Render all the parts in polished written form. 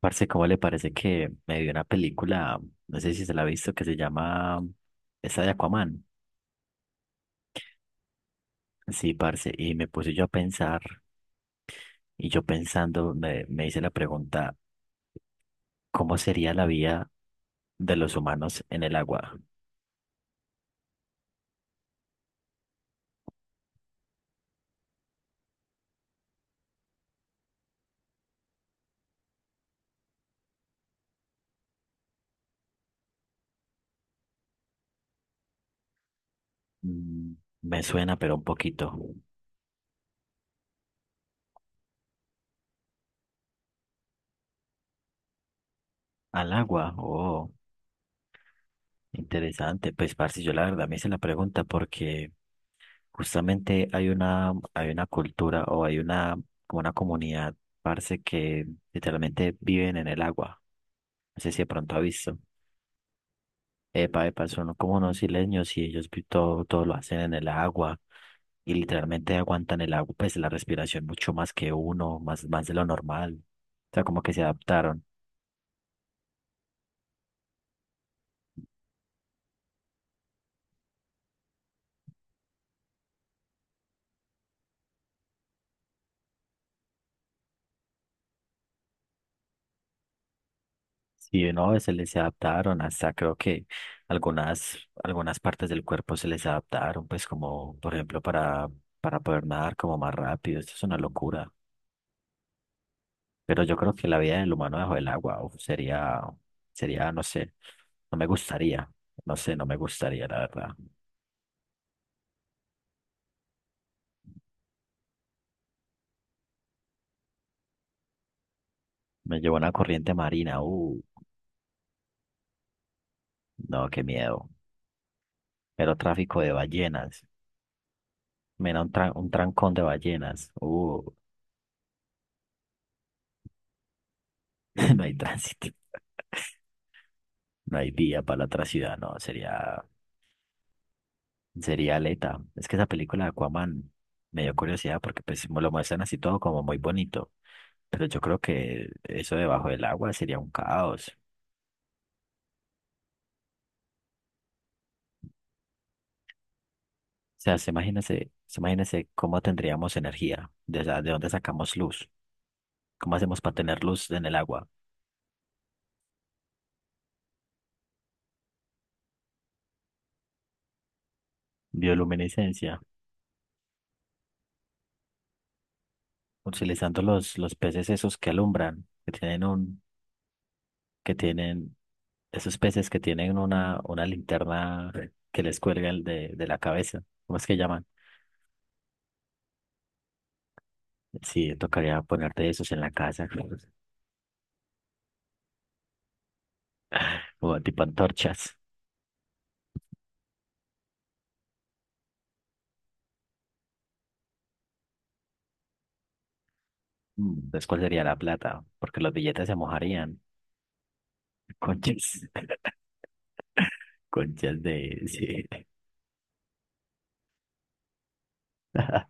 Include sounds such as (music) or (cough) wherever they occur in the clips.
Parce, ¿cómo le parece que me vi una película, no sé si se la ha visto, que se llama esa de Aquaman? Sí, parce, y me puse yo a pensar, y yo pensando, me hice la pregunta, ¿cómo sería la vida de los humanos en el agua? Mm, me suena, pero un poquito. ¿Al agua? Oh, interesante. Pues, parce, yo la verdad me hice la pregunta porque justamente hay una cultura o hay una, como una comunidad, parce, que literalmente viven en el agua. No sé si de pronto ha visto. Epa, epa, son como unos isleños y ellos todo, todo lo hacen en el agua y literalmente aguantan el agua, pues la respiración mucho más que uno, más, más de lo normal. O sea, como que se adaptaron. Sí, no, se les adaptaron, hasta creo que algunas, algunas partes del cuerpo se les adaptaron, pues como por ejemplo para poder nadar como más rápido, esto es una locura. Pero yo creo que la vida del humano bajo el agua, uf, sería, sería, no sé, no me gustaría, no sé, no me gustaría, la verdad. Me llevó una corriente marina, no, qué miedo. Pero tráfico de ballenas, mira, un trancón de ballenas, (laughs) no hay tránsito, no hay vía para la otra ciudad, no, sería... Sería Aleta. Es que esa película de Aquaman me dio curiosidad porque pues me lo muestran así todo como muy bonito. Pero yo creo que eso debajo del agua sería un caos. O sea, se imagínese cómo tendríamos energía, de, o sea, de dónde sacamos luz, cómo hacemos para tener luz en el agua. Bioluminiscencia, utilizando los peces esos que alumbran, que tienen un, que tienen, esos peces que tienen una linterna que les cuelga de la cabeza. ¿Cómo es que llaman? Sí, tocaría ponerte esos en la casa, (laughs) o tipo antorchas. Mm, entonces, ¿cuál sería la plata? Porque los billetes se mojarían. Conchas, (laughs) conchas de... Sí. (laughs)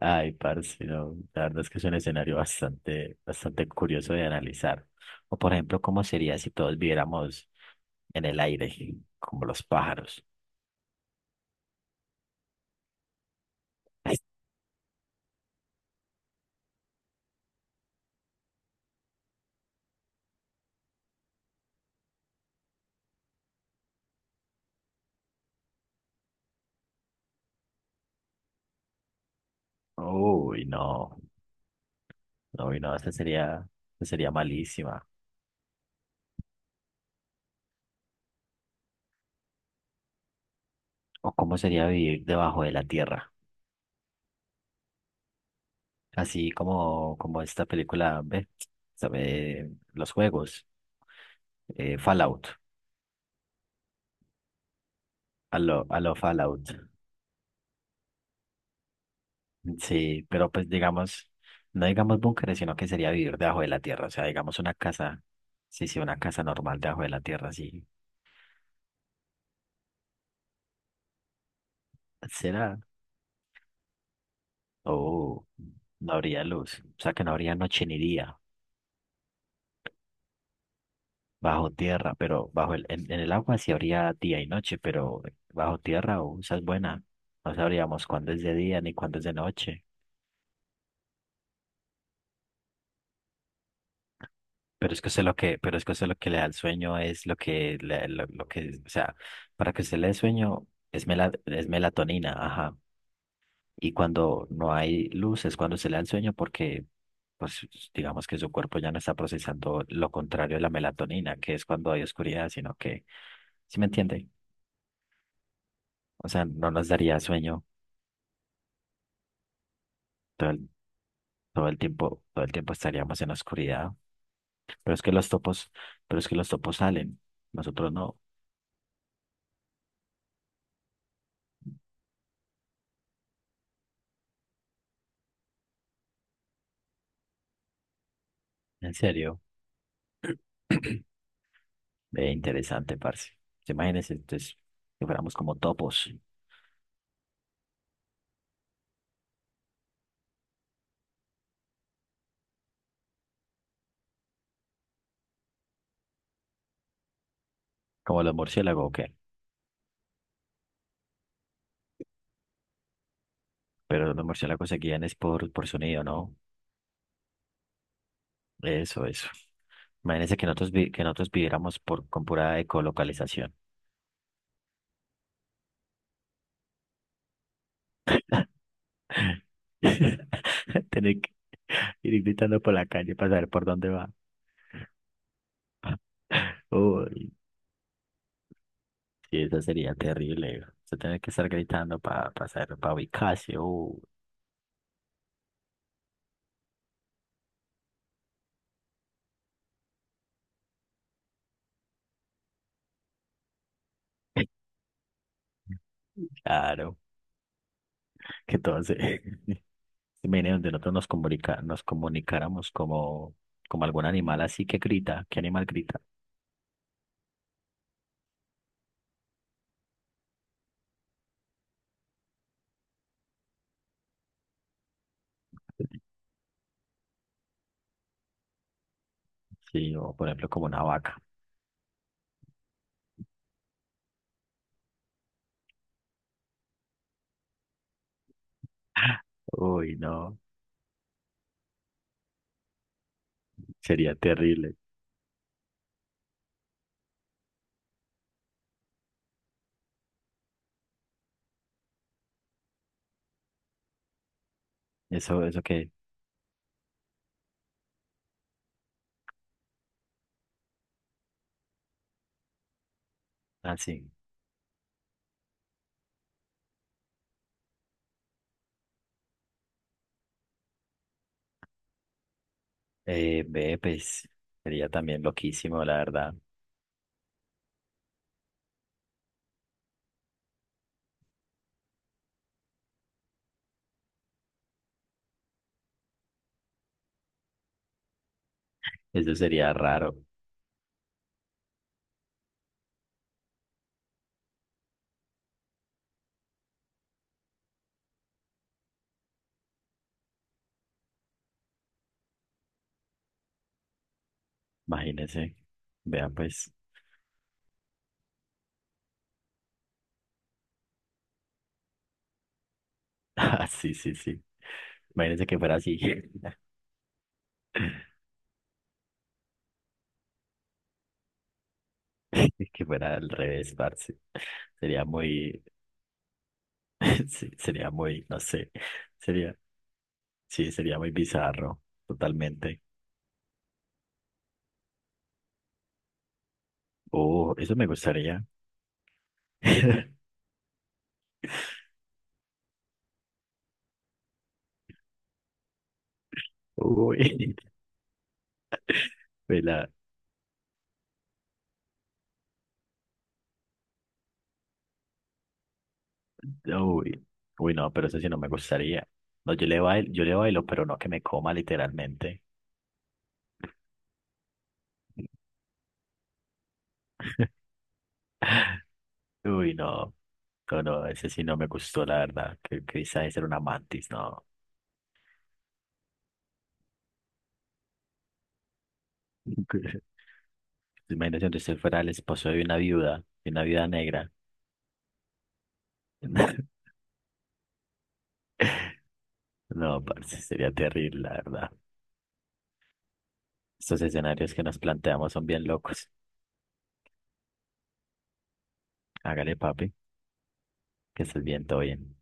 Ay, parce, no. La verdad es que es un escenario bastante, bastante curioso de analizar. O, por ejemplo, ¿cómo sería si todos viviéramos en el aire, como los pájaros? Uy, no. No, uy, no, esa sería malísima. ¿O cómo sería vivir debajo de la tierra? Así como, como esta película, ve, sabe, los juegos, Fallout, a lo Fallout. Sí, pero pues digamos, no digamos búnkeres, sino que sería vivir debajo de la tierra, o sea, digamos una casa, sí, sí, una casa normal debajo de la tierra, sí. Será, oh, no habría luz, o sea, que no habría noche ni día bajo tierra, pero en el agua sí habría día y noche, pero bajo tierra, oh, esa es buena, no sabríamos cuándo es de día ni cuándo es de noche. Pero es que usted lo que le da el sueño es lo que, le- lo que, o sea, para que usted le dé sueño es, es melatonina, ajá. Y cuando no hay luz es cuando se le da el sueño porque, pues, digamos que su cuerpo ya no está procesando lo contrario de la melatonina, que es cuando hay oscuridad, sino que, ¿sí me entiende? O sea, no nos daría sueño todo el, todo el tiempo estaríamos en la oscuridad. Pero es que los topos, pero es que los topos salen, nosotros no. En serio. Ve, interesante, parce. ¿Se imagínense, entonces, que fuéramos como topos, como los murciélagos o qué? Pero los murciélagos se guían es por sonido, ¿no? Eso, eso. Imagínense que nosotros viviéramos por, con pura ecolocalización. (laughs) Tener que ir gritando por la calle para saber por dónde va. (laughs) Uy, sí, eso sería terrible. Se tener que estar gritando para pasar, para ubicarse. Uy, (laughs) claro, que todo se, viene donde nosotros nos comunica, nos comunicáramos como, como algún animal así que grita. ¿Qué animal grita? Sí, o por ejemplo como una vaca. (laughs) Uy, no, sería terrible. Eso que, así. Ve, pues sería también loquísimo, la verdad. Eso sería raro. Imagínense. Vean, pues. (laughs) Ah, sí, sí, sí. Imagínense que fuera así. (laughs) Que fuera al revés, parce. Sería muy, (laughs) sí, sería muy, no sé. Sería. Sí, sería muy bizarro, totalmente. Oh, eso me gustaría. (laughs) Uy, (laughs) vela, uy, uy, no, pero eso sí no me gustaría. No, yo le bailo, pero no que me coma literalmente. (laughs) Uy, no, no, no, ese sí no me gustó, la verdad. Que quizás era una mantis, no. (laughs) Imagínate si usted fuera el esposo de una viuda negra. (laughs) No, parce, sería terrible, la verdad. Estos escenarios que nos planteamos son bien locos. Hágale, papi, que estés bien, todo bien.